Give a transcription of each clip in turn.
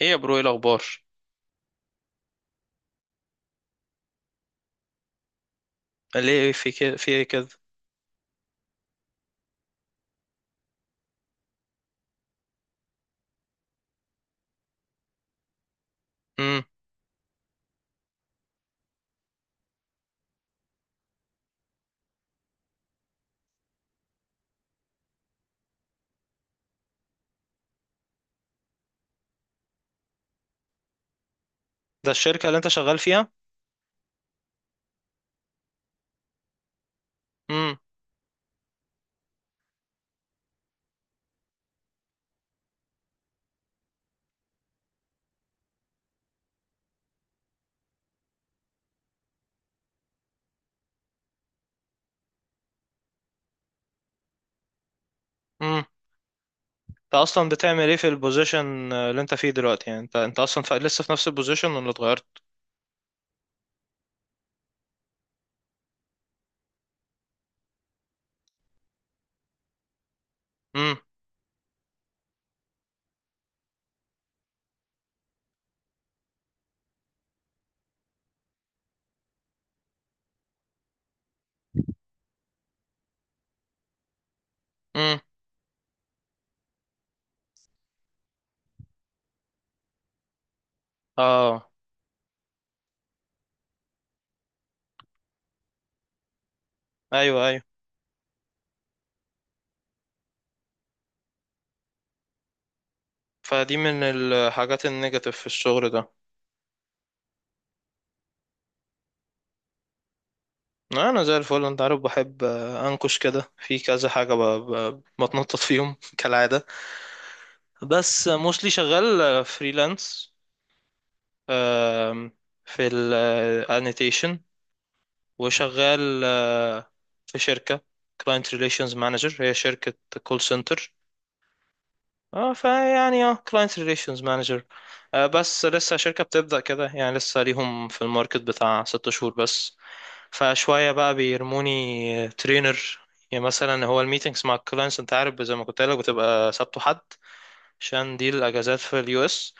ايه يا برو، ايه الاخبار؟ ليه في كده، في ايه كده؟ امم. ده الشركه اللي انت شغال فيها؟ امم. امم، انت اصلا بتعمل ايه في البوزيشن اللي انت فيه دلوقتي؟ يعني انت اصلا لسه في نفس البوزيشن ولا اتغيرت؟ امم. امم. اه. ايوه، ايوه. فدي من الحاجات النيجاتيف في الشغل ده. انا زي الفل، انت عارف بحب انكش كده في كذا حاجه، بتنطط فيهم كالعاده. بس موستلي شغال فريلانس في الانيتيشن، وشغال في شركة كلاينت ريليشنز مانجر. هي شركة كول سنتر. اه، فيعني اه كلاينت ريليشنز مانجر، بس لسه شركة بتبدأ كده. يعني لسه ليهم في الماركت بتاع ست شهور بس. فشوية بقى بيرموني ترينر. يعني مثلا هو الميتينجز مع الكلاينتس، انت عارف زي ما كنت قايل لك، بتبقى سبت وحد عشان دي الاجازات في اليو اس.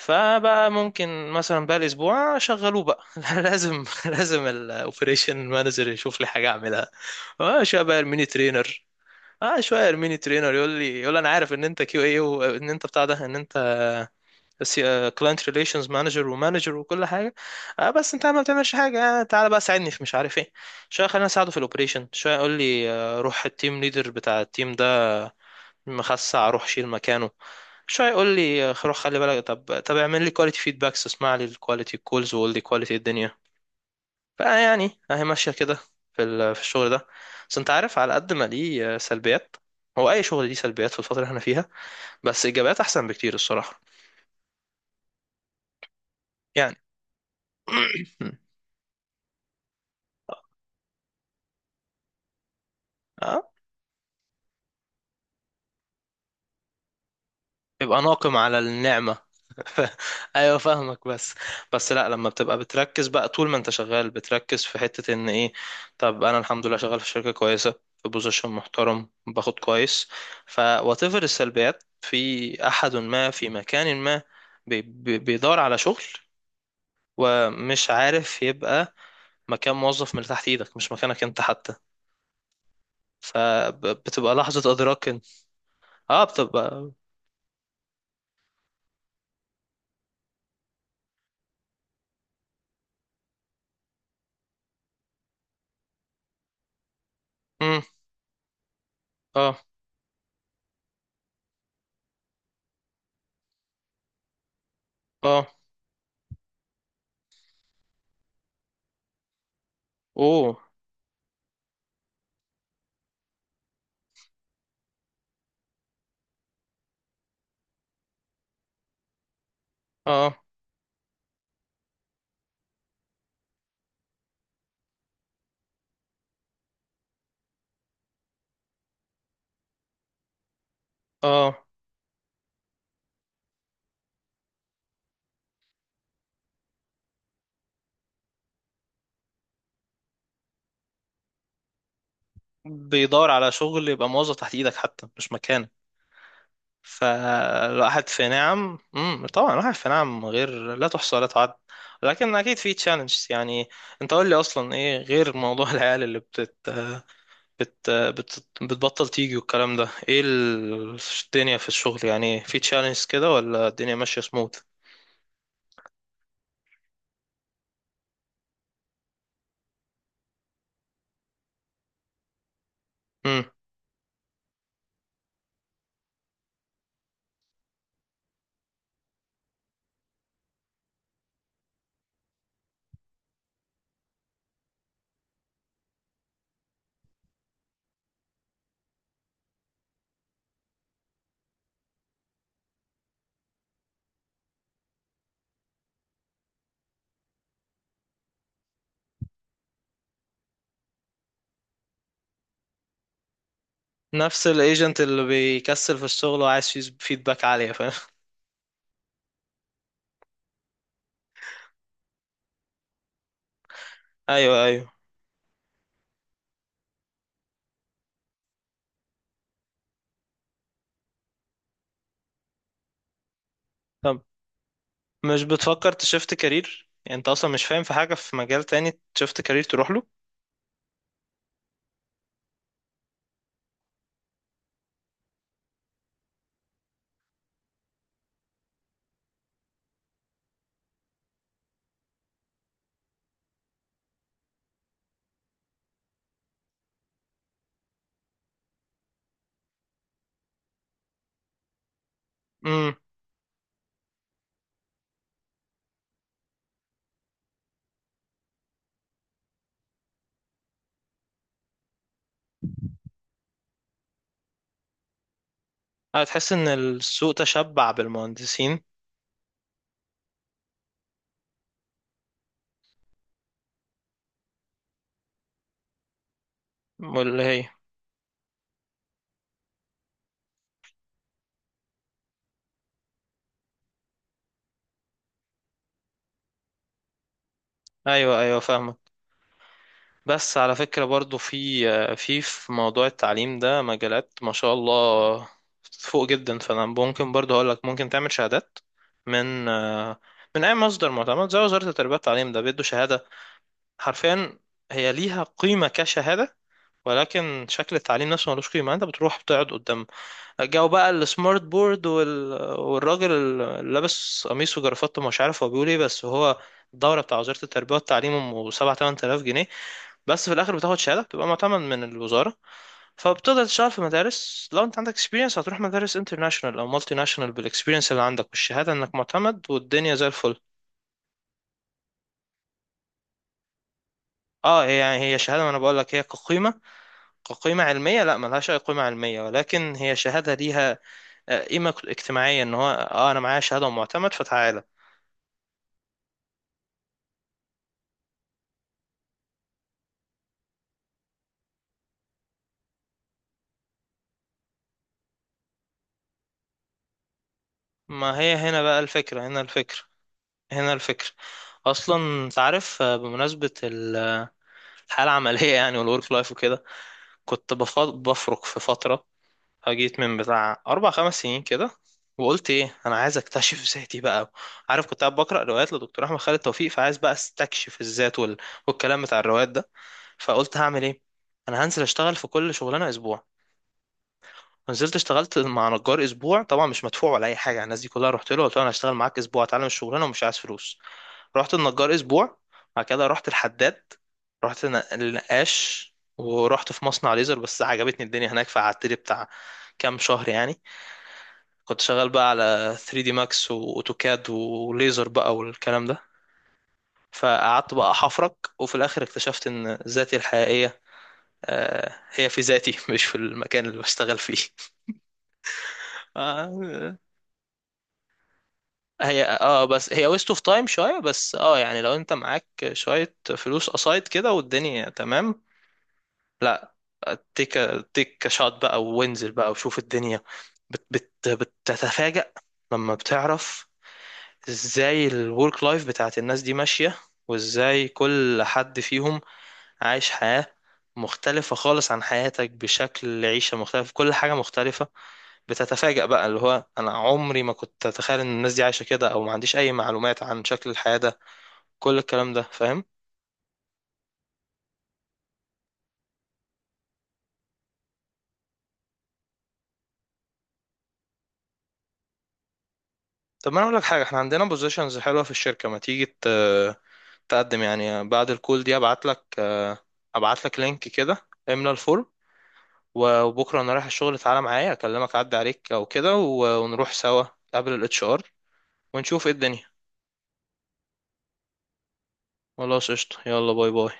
فبقى ممكن مثلا بقى الاسبوع شغلوه بقى لازم الاوبريشن مانجر يشوف لي حاجه اعملها. اه، شويه بقى الميني ترينر. اه، شويه الميني ترينر يقول لي، انا عارف ان انت كيو اي، وان انت بتاع ده، ان انت كلاينت ريليشنز مانجر ومانجر وكل حاجه، آه بس انت ما بتعملش حاجه. آه، تعالى بقى ساعدني في مش عارف ايه. شويه خلينا اساعده في الاوبريشن. شويه يقول لي آه، روح التيم ليدر بتاع التيم ده مخسع، روح شيل مكانه. شوية يقول لي آه، روح خلي بالك. طب طب اعمل لي كواليتي فيدباكس، اسمع لي الكواليتي الكولز وقول لي كواليتي الدنيا. فيعني اهي ماشية كده في الشغل ده. بس انت عارف على قد ما ليه سلبيات. هو اي شغل ليه سلبيات في الفترة اللي احنا فيها، بس ايجابيات احسن بكتير الصراحة. يعني اه يبقى ناقم على النعمة. ف- ايوه، فاهمك. بس بس لا، لما بتبقى بتركز بقى طول ما انت شغال، بتركز في حتة ان ايه. طب انا الحمد لله شغال في شركة كويسة، في بوزيشن محترم، باخد كويس. ف whatever السلبيات في احد ما في مكان ما، بي بي بيدور على شغل، ومش عارف يبقى مكان موظف من تحت ايدك، مش مكانك انت حتى. فبتبقى لحظة ادراك بتبقى. امم. اه، اه. اوه. اه، اه. بيدور على شغل يبقى موظف تحت ايدك حتى مش مكانك. فالواحد في نعم. امم، طبعا الواحد في نعم غير، لا تحصى ولا تعد. لكن اكيد في تشالنج يعني. انت قول لي اصلا ايه؟ غير موضوع العيال اللي بتبطل تيجي والكلام ده، ايه الدنيا في الشغل؟ يعني في تشالنج كده ولا الدنيا ماشية سموث؟ امم. نفس الايجنت اللي بيكسل في الشغل وعايز فيدباك عالية، فاهم. ايوه، ايوه. طب مش بتفكر تشفت كارير؟ يعني انت اصلا مش فاهم في حاجة في مجال تاني تشفت كارير تروح له. امم. هتحس ان السوق تشبع بالمهندسين. واللي هي ايوه، ايوه، فاهمك. بس على فكرة برضو في موضوع التعليم ده مجالات ما شاء الله فوق جدا. فانا ممكن برضو اقول لك ممكن تعمل شهادات من من اي مصدر معتمد زي وزارة التربية والتعليم. ده بيدوا شهادة حرفيا. هي ليها قيمة كشهادة، ولكن شكل التعليم نفسه ملوش قيمة. انت بتروح بتقعد قدام جاوا بقى، السمارت بورد والراجل اللي لابس قميص وجرافته، مش عارف هو بيقول ايه، بس هو الدورة بتاع وزارة التربية والتعليم أم سبعة تمن تلاف جنيه. بس في الآخر بتاخد شهادة بتبقى معتمد من الوزارة، فبتقدر تشتغل في مدارس. لو أنت عندك اكسبيرينس هتروح مدارس انترناشونال أو مالتي ناشونال بالاكسبيرينس اللي عندك والشهادة إنك معتمد، والدنيا زي الفل. اه، هي يعني هي شهادة. ما أنا بقول لك هي كقيمة علمية لا ملهاش أي قيمة علمية، ولكن هي شهادة ليها قيمة اجتماعية، إن هو اه أنا معايا شهادة ومعتمد فتعال. ما هي هنا بقى الفكرة هنا الفكرة هنا الفكرة أصلا. أنت عارف بمناسبة الحالة العملية يعني، والورك لايف وكده، كنت بفرك في فترة جيت من بتاع أربع خمس سنين كده، وقلت إيه، أنا عايز أكتشف ذاتي بقى. عارف كنت قاعد بقرأ روايات لدكتور أحمد خالد توفيق، فعايز بقى أستكشف الذات والكلام بتاع الروايات ده. فقلت هعمل إيه؟ أنا هنزل أشتغل في كل شغلانة أسبوع. نزلت اشتغلت مع نجار اسبوع، طبعا مش مدفوع ولا اي حاجه. الناس دي كلها رحت له قلت له انا هشتغل معاك اسبوع اتعلم الشغلانه ومش عايز فلوس. رحت النجار اسبوع، بعد كده رحت الحداد، رحت النقاش، ورحت في مصنع ليزر بس عجبتني الدنيا هناك فقعدت لي بتاع كام شهر يعني. كنت شغال بقى على 3 دي ماكس واوتوكاد وليزر بقى والكلام ده. فقعدت بقى احفرك، وفي الاخر اكتشفت ان ذاتي الحقيقيه آه، هي في ذاتي مش في المكان اللي بشتغل فيه. هي اه بس هي ويست اوف تايم شويه، بس اه يعني لو انت معاك شويه فلوس قصايد كده والدنيا تمام. لا، تيك تيك شوت بقى، وانزل بقى وشوف الدنيا. بت بت بتتفاجأ لما بتعرف ازاي الورك لايف بتاعت الناس دي ماشيه، وازاي كل حد فيهم عايش حياه مختلفه خالص عن حياتك، بشكل عيشه مختلف، كل حاجه مختلفه. بتتفاجأ بقى اللي هو انا عمري ما كنت اتخيل ان الناس دي عايشه كده، او ما عنديش اي معلومات عن شكل الحياه ده. كل الكلام ده فاهم. طب ما انا اقول لك حاجه، احنا عندنا بوزيشنز حلوه في الشركه، ما تيجي تقدم؟ يعني بعد الكول دي ابعت لك، لينك كده، املى الفورم. وبكره انا رايح الشغل، تعالى معايا، اكلمك اعدي عليك او كده ونروح سوا قبل الاتش ار ونشوف ايه الدنيا. خلاص قشطه، يلا باي باي.